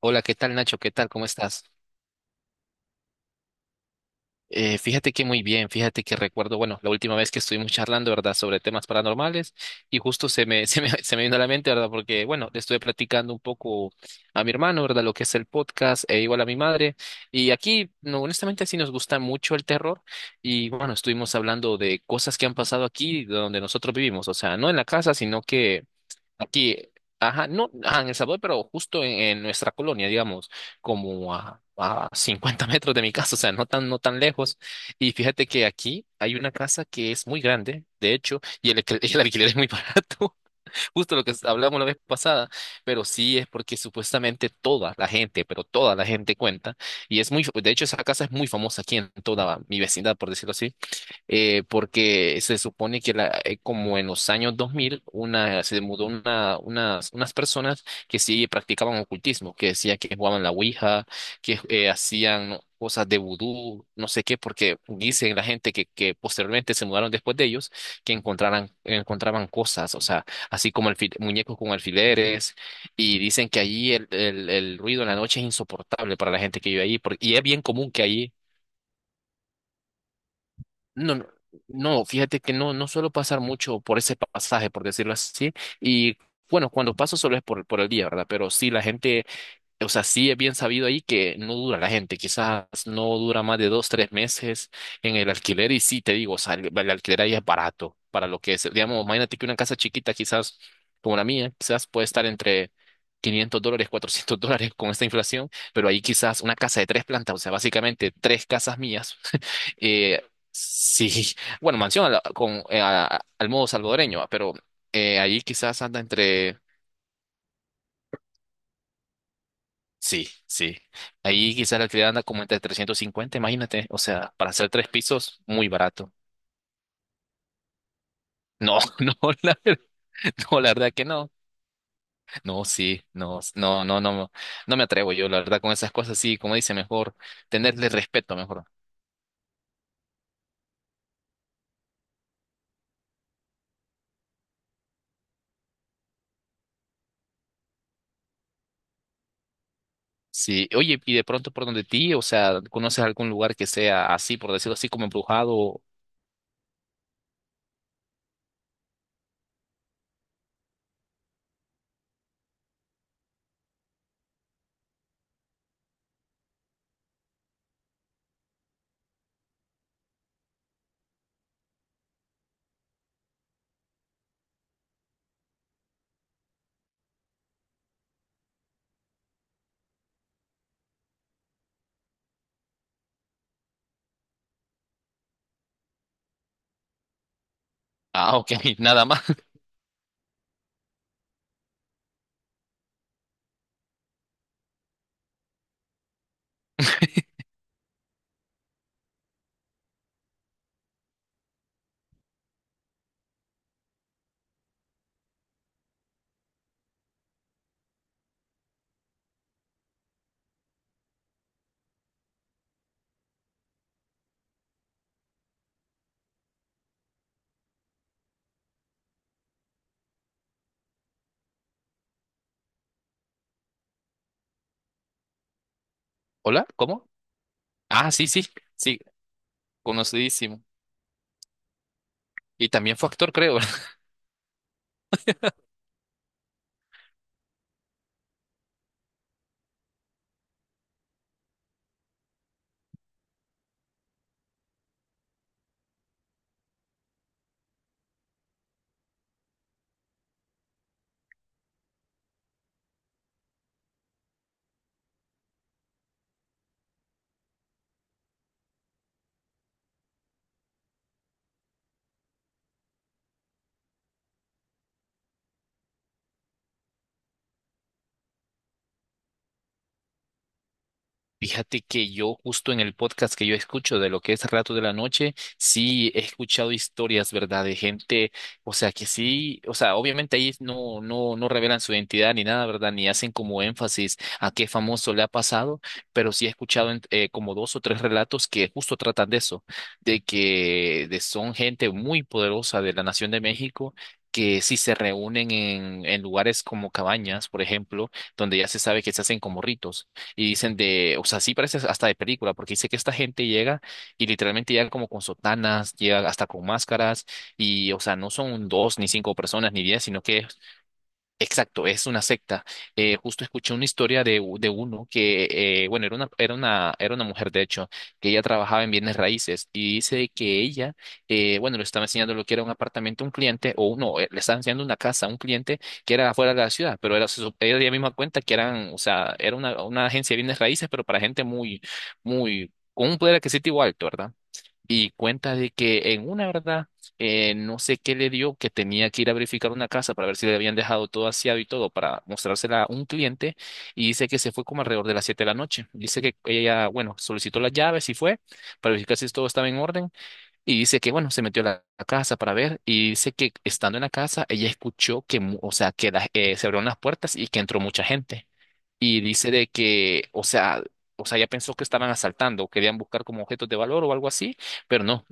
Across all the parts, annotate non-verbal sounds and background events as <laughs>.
Hola, ¿qué tal Nacho? ¿Qué tal? ¿Cómo estás? Fíjate que muy bien, fíjate que recuerdo, bueno, la última vez que estuvimos charlando, ¿verdad?, sobre temas paranormales y justo <laughs> se me vino a la mente, ¿verdad?, porque, bueno, le estuve platicando un poco a mi hermano, ¿verdad?, lo que es el podcast e igual a mi madre y aquí, no, honestamente, sí nos gusta mucho el terror y, bueno, estuvimos hablando de cosas que han pasado aquí donde nosotros vivimos, o sea, no en la casa, sino que aquí, ajá, no, ajá, en El Salvador, pero justo en nuestra colonia, digamos, como a 50 <laughs> metros de mi casa, o sea, no tan, no tan lejos. Y fíjate que aquí hay una casa que es muy grande, de hecho, y <laughs> el alquiler es muy barato, <laughs> justo lo que hablamos la vez pasada, pero sí es porque supuestamente toda la gente, pero toda la gente cuenta, y es muy, de hecho, esa casa es muy famosa aquí en toda mi vecindad, por decirlo así. Porque se supone que como en los años 2000 se mudó unas personas que sí practicaban ocultismo, que decía que jugaban la ouija, que hacían cosas de vudú, no sé qué, porque dicen la gente que posteriormente se mudaron después de ellos, que encontraban cosas, o sea, así como muñecos con alfileres, y dicen que allí el ruido en la noche es insoportable para la gente que vive allí, porque, y es bien común que allí no, no, no, fíjate que no suelo pasar mucho por ese pasaje, por decirlo así, y bueno, cuando paso solo es por el día, ¿verdad? Pero sí, la gente, o sea, sí es bien sabido ahí que no dura la gente, quizás no dura más de dos, tres meses en el alquiler, y sí, te digo, o sea, el alquiler ahí es barato para lo que es, digamos, imagínate que una casa chiquita, quizás como la mía, quizás puede estar entre $500, $400 con esta inflación, pero ahí quizás una casa de tres plantas, o sea, básicamente tres casas mías. eh, sí, <laughs> bueno, mansión a la- con, a- al modo salvadoreño, va, pero ahí quizás anda entre. Sí, sí. Ahí quizás la alquiler anda como entre 350 imagínate. O sea, para hacer tres pisos, muy barato. No, <laughs> no, la, ver- no, la verdad que no. No, sí, no, no, no, no, no me atrevo yo, la verdad, con esas cosas, sí, como dice, mejor tenerle respeto, mejor. Sí, oye, y de pronto por donde ti, o sea, ¿conoces algún lugar que sea así, por decirlo así, como embrujado? Ah, ok, <laughs> nada más. Hola, ¿cómo? Ah, sí, sí, sí, conocidísimo. Y también fue actor, creo. <laughs> Fíjate que yo justo en el podcast que yo escucho de lo que es Rato de la Noche, sí he escuchado historias, ¿verdad? De gente, o sea, que sí, o sea, obviamente ahí no revelan su identidad ni nada, ¿verdad? Ni hacen como énfasis a qué famoso le ha pasado, pero sí he escuchado como dos o tres relatos que justo tratan de eso, de que son gente muy poderosa de la Nación de México. Que sí se reúnen en lugares como cabañas, por ejemplo, donde ya se sabe que se hacen como ritos. Y dicen de, o sea, sí parece hasta de película, porque dice que esta gente llega y literalmente llega como con sotanas, llega hasta con máscaras, y, o sea, no son dos, ni cinco personas, ni 10, sino que exacto, es una secta. Justo escuché una historia de, de uno que, bueno, era una mujer, de hecho, que ella trabajaba en bienes raíces y dice que ella, bueno, le estaba enseñando lo que era un apartamento a un cliente, o no, le estaba enseñando una casa a un cliente que era afuera de la ciudad, pero ella misma cuenta que eran, o sea, era una agencia de bienes raíces, pero para gente muy, muy, con un poder adquisitivo alto, ¿verdad? Y cuenta de que en una, ¿verdad? No sé qué le dio, que tenía que ir a verificar una casa para ver si le habían dejado todo aseado y todo para mostrársela a un cliente y dice que se fue como alrededor de las 7 de la noche. Dice que ella, bueno, solicitó las llaves y fue para verificar si todo estaba en orden y dice que, bueno, se metió a la casa para ver y dice que estando en la casa ella escuchó que, mu- o sea, que la- se abrieron las puertas y que entró mucha gente y dice de que, o sea, ya pensó que estaban asaltando, querían buscar como objetos de valor o algo así, pero no,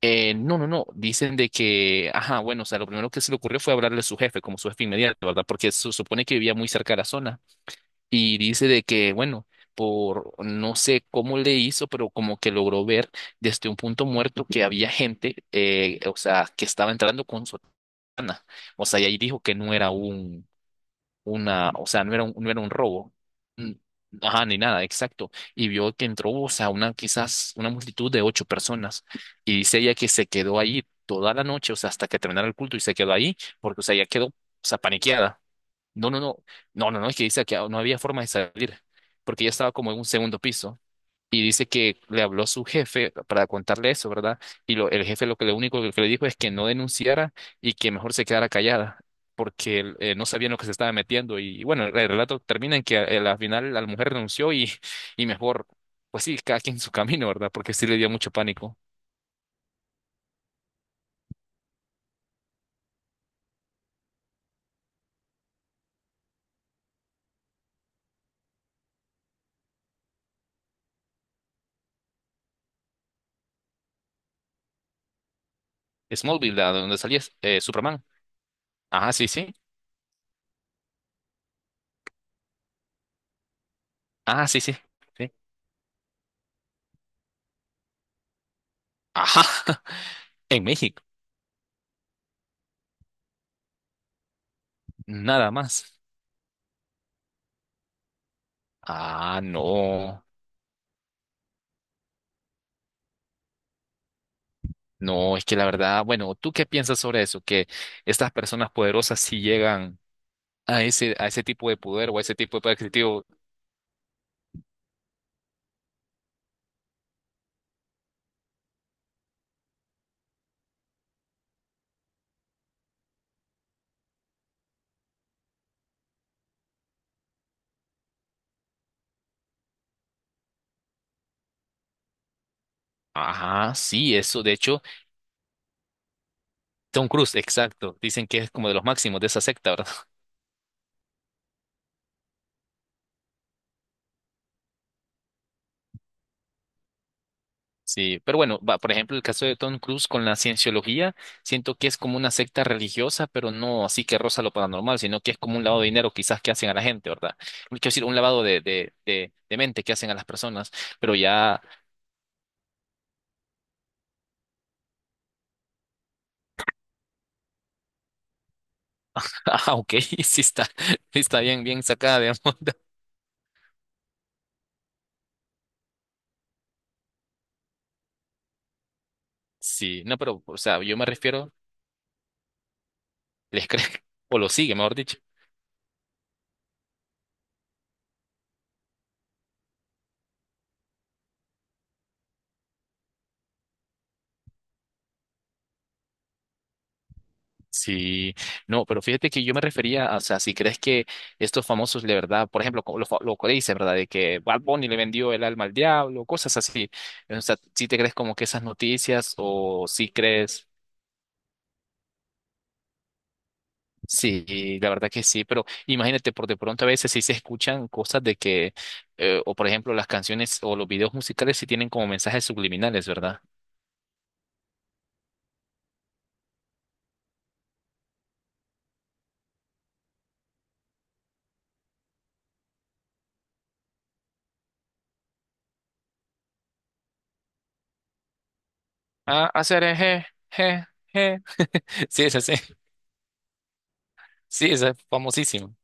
no, no, no, dicen de que, ajá, bueno, o sea, lo primero que se le ocurrió fue hablarle a su jefe, como su jefe inmediato, ¿verdad? Porque se supone que vivía muy cerca de la zona, y dice de que, bueno, por no sé cómo le hizo, pero como que logró ver desde un punto muerto que había gente, o sea, que estaba entrando con sotana, o sea, y ahí dijo que no era o sea, no era un robo, mm, ajá, ni nada, exacto. Y vio que entró, o sea, una, quizás una multitud de ocho personas. Y dice ella que se quedó ahí toda la noche, o sea, hasta que terminara el culto y se quedó ahí, porque, o sea, ella quedó, o sea, paniqueada. No, no, no, no, no, no, es que dice que no había forma de salir, porque ella estaba como en un segundo piso. Y dice que le habló su jefe para contarle eso, ¿verdad? Y el jefe lo que lo único que le dijo es que no denunciara y que mejor se quedara callada, porque no sabía lo que se estaba metiendo. Y, bueno, el relato termina en que al final la mujer renunció y mejor, pues sí, cada quien su <laughs> camino, ¿verdad? Porque sí le dio mucho pánico. Smallville, ¿a donde salía Superman. Ajá, sí, sí. Ajá, sí, sí. Sí. Ajá. <laughs> En México. Nada más. Ah, no. No, es que la verdad, bueno, ¿tú qué piensas sobre eso? Que estas personas poderosas sí llegan a ese tipo de poder o a ese tipo de poder adquisitivo. Ajá, sí, eso. De hecho, Tom Cruise, exacto. Dicen que es como de los máximos de esa secta, ¿verdad? <laughs> Sí, pero bueno, va, por ejemplo, el caso de Tom Cruise con la cienciología, siento que es como una secta religiosa, pero no así que roza lo paranormal, sino que es como un lavado de dinero quizás que hacen a la gente, ¿verdad? Quiero decir, un lavado de mente que hacen a las personas, pero ya. Ah, ok, <laughs> sí está, sí está bien, bien sacada, digamos. <laughs> Sí, no, pero, o sea, yo me refiero, les crees, <laughs> o lo sigue, mejor dicho. Sí, no, pero fíjate que yo me refería, a, o sea, si crees que estos famosos de verdad, por ejemplo, como lo, lo que dice, ¿verdad? De que Bad Bunny le vendió el alma al diablo, cosas así. O sea, si te crees como que esas noticias o si crees, sí, la verdad que sí, pero imagínate, por de pronto a veces sí se escuchan cosas de que, o por ejemplo, las canciones o los videos musicales sí tienen como mensajes subliminales, ¿verdad? A hacer eje, je, je. <laughs> Sí, esa sí. Sí, esa es famosísima.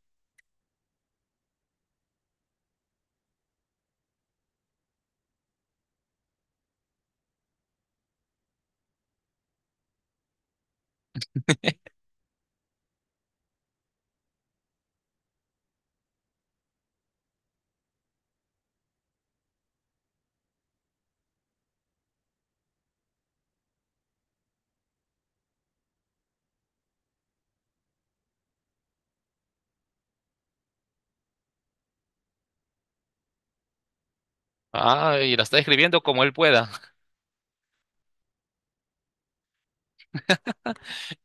Ah, <laughs> y la está escribiendo como él pueda. <laughs>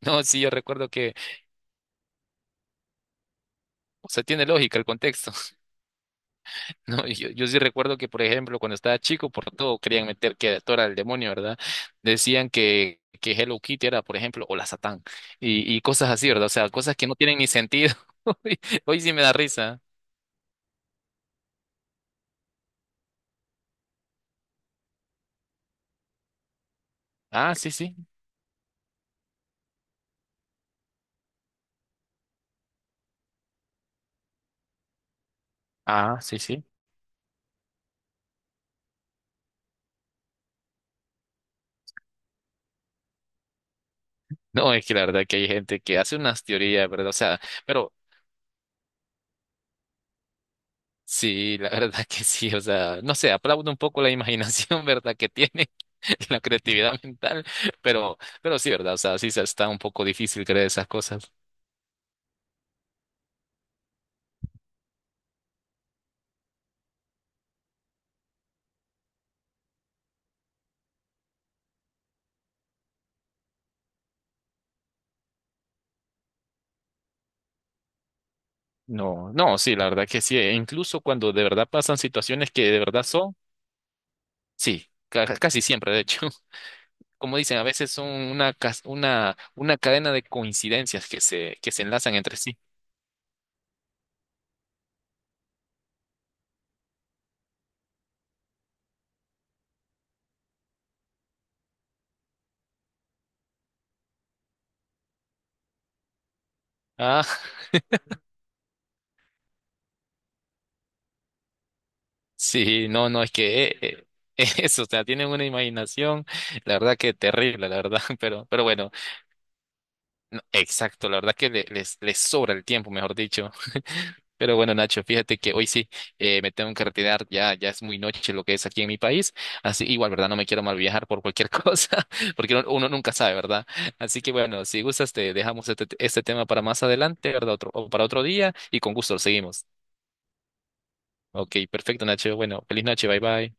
No, sí, yo recuerdo que, o sea, tiene lógica el contexto. <laughs> No, y yo sí recuerdo que, por ejemplo, cuando estaba chico, por todo querían meter que era Dora del demonio, ¿verdad? Decían que Hello Kitty era, por ejemplo, o la Satán. Y cosas así, ¿verdad? O sea, cosas que no tienen ni sentido. <laughs> Hoy, hoy sí me da risa. Ah, sí, sí. Ah, sí, sí. No, es que la verdad que hay gente que hace unas teorías, ¿verdad? O sea, pero sí, la verdad que sí, o sea, no sé, aplaudo un poco la imaginación, <laughs> ¿verdad? Que tiene <laughs> la creatividad mental, pero, pero sí, ¿verdad? O sea, sí está un poco difícil creer esas cosas. No, no, sí, la verdad que sí, e incluso cuando de verdad pasan situaciones que de verdad son, sí, casi siempre, de hecho, <laughs> como dicen, a veces son una, una cadena de coincidencias que se enlazan entre sí. Ah. Sí, no, no, es que <laughs> eso, o sea, tienen una imaginación, la verdad que terrible, la verdad, <laughs> pero bueno, no, exacto, la verdad que les sobra el tiempo, mejor dicho. <laughs> Pero bueno, Nacho, fíjate que hoy sí me tengo que retirar, ya, ya es muy noche lo que es aquí en mi país, así igual, ¿verdad? No me quiero mal viajar por cualquier <laughs> cosa, porque uno nunca sabe, ¿verdad? Así que bueno, si gustas, te dejamos este tema para más adelante, ¿verdad? Otro, o para otro día y con gusto lo seguimos. Ok, perfecto, Nacho. Bueno, feliz noche, bye bye.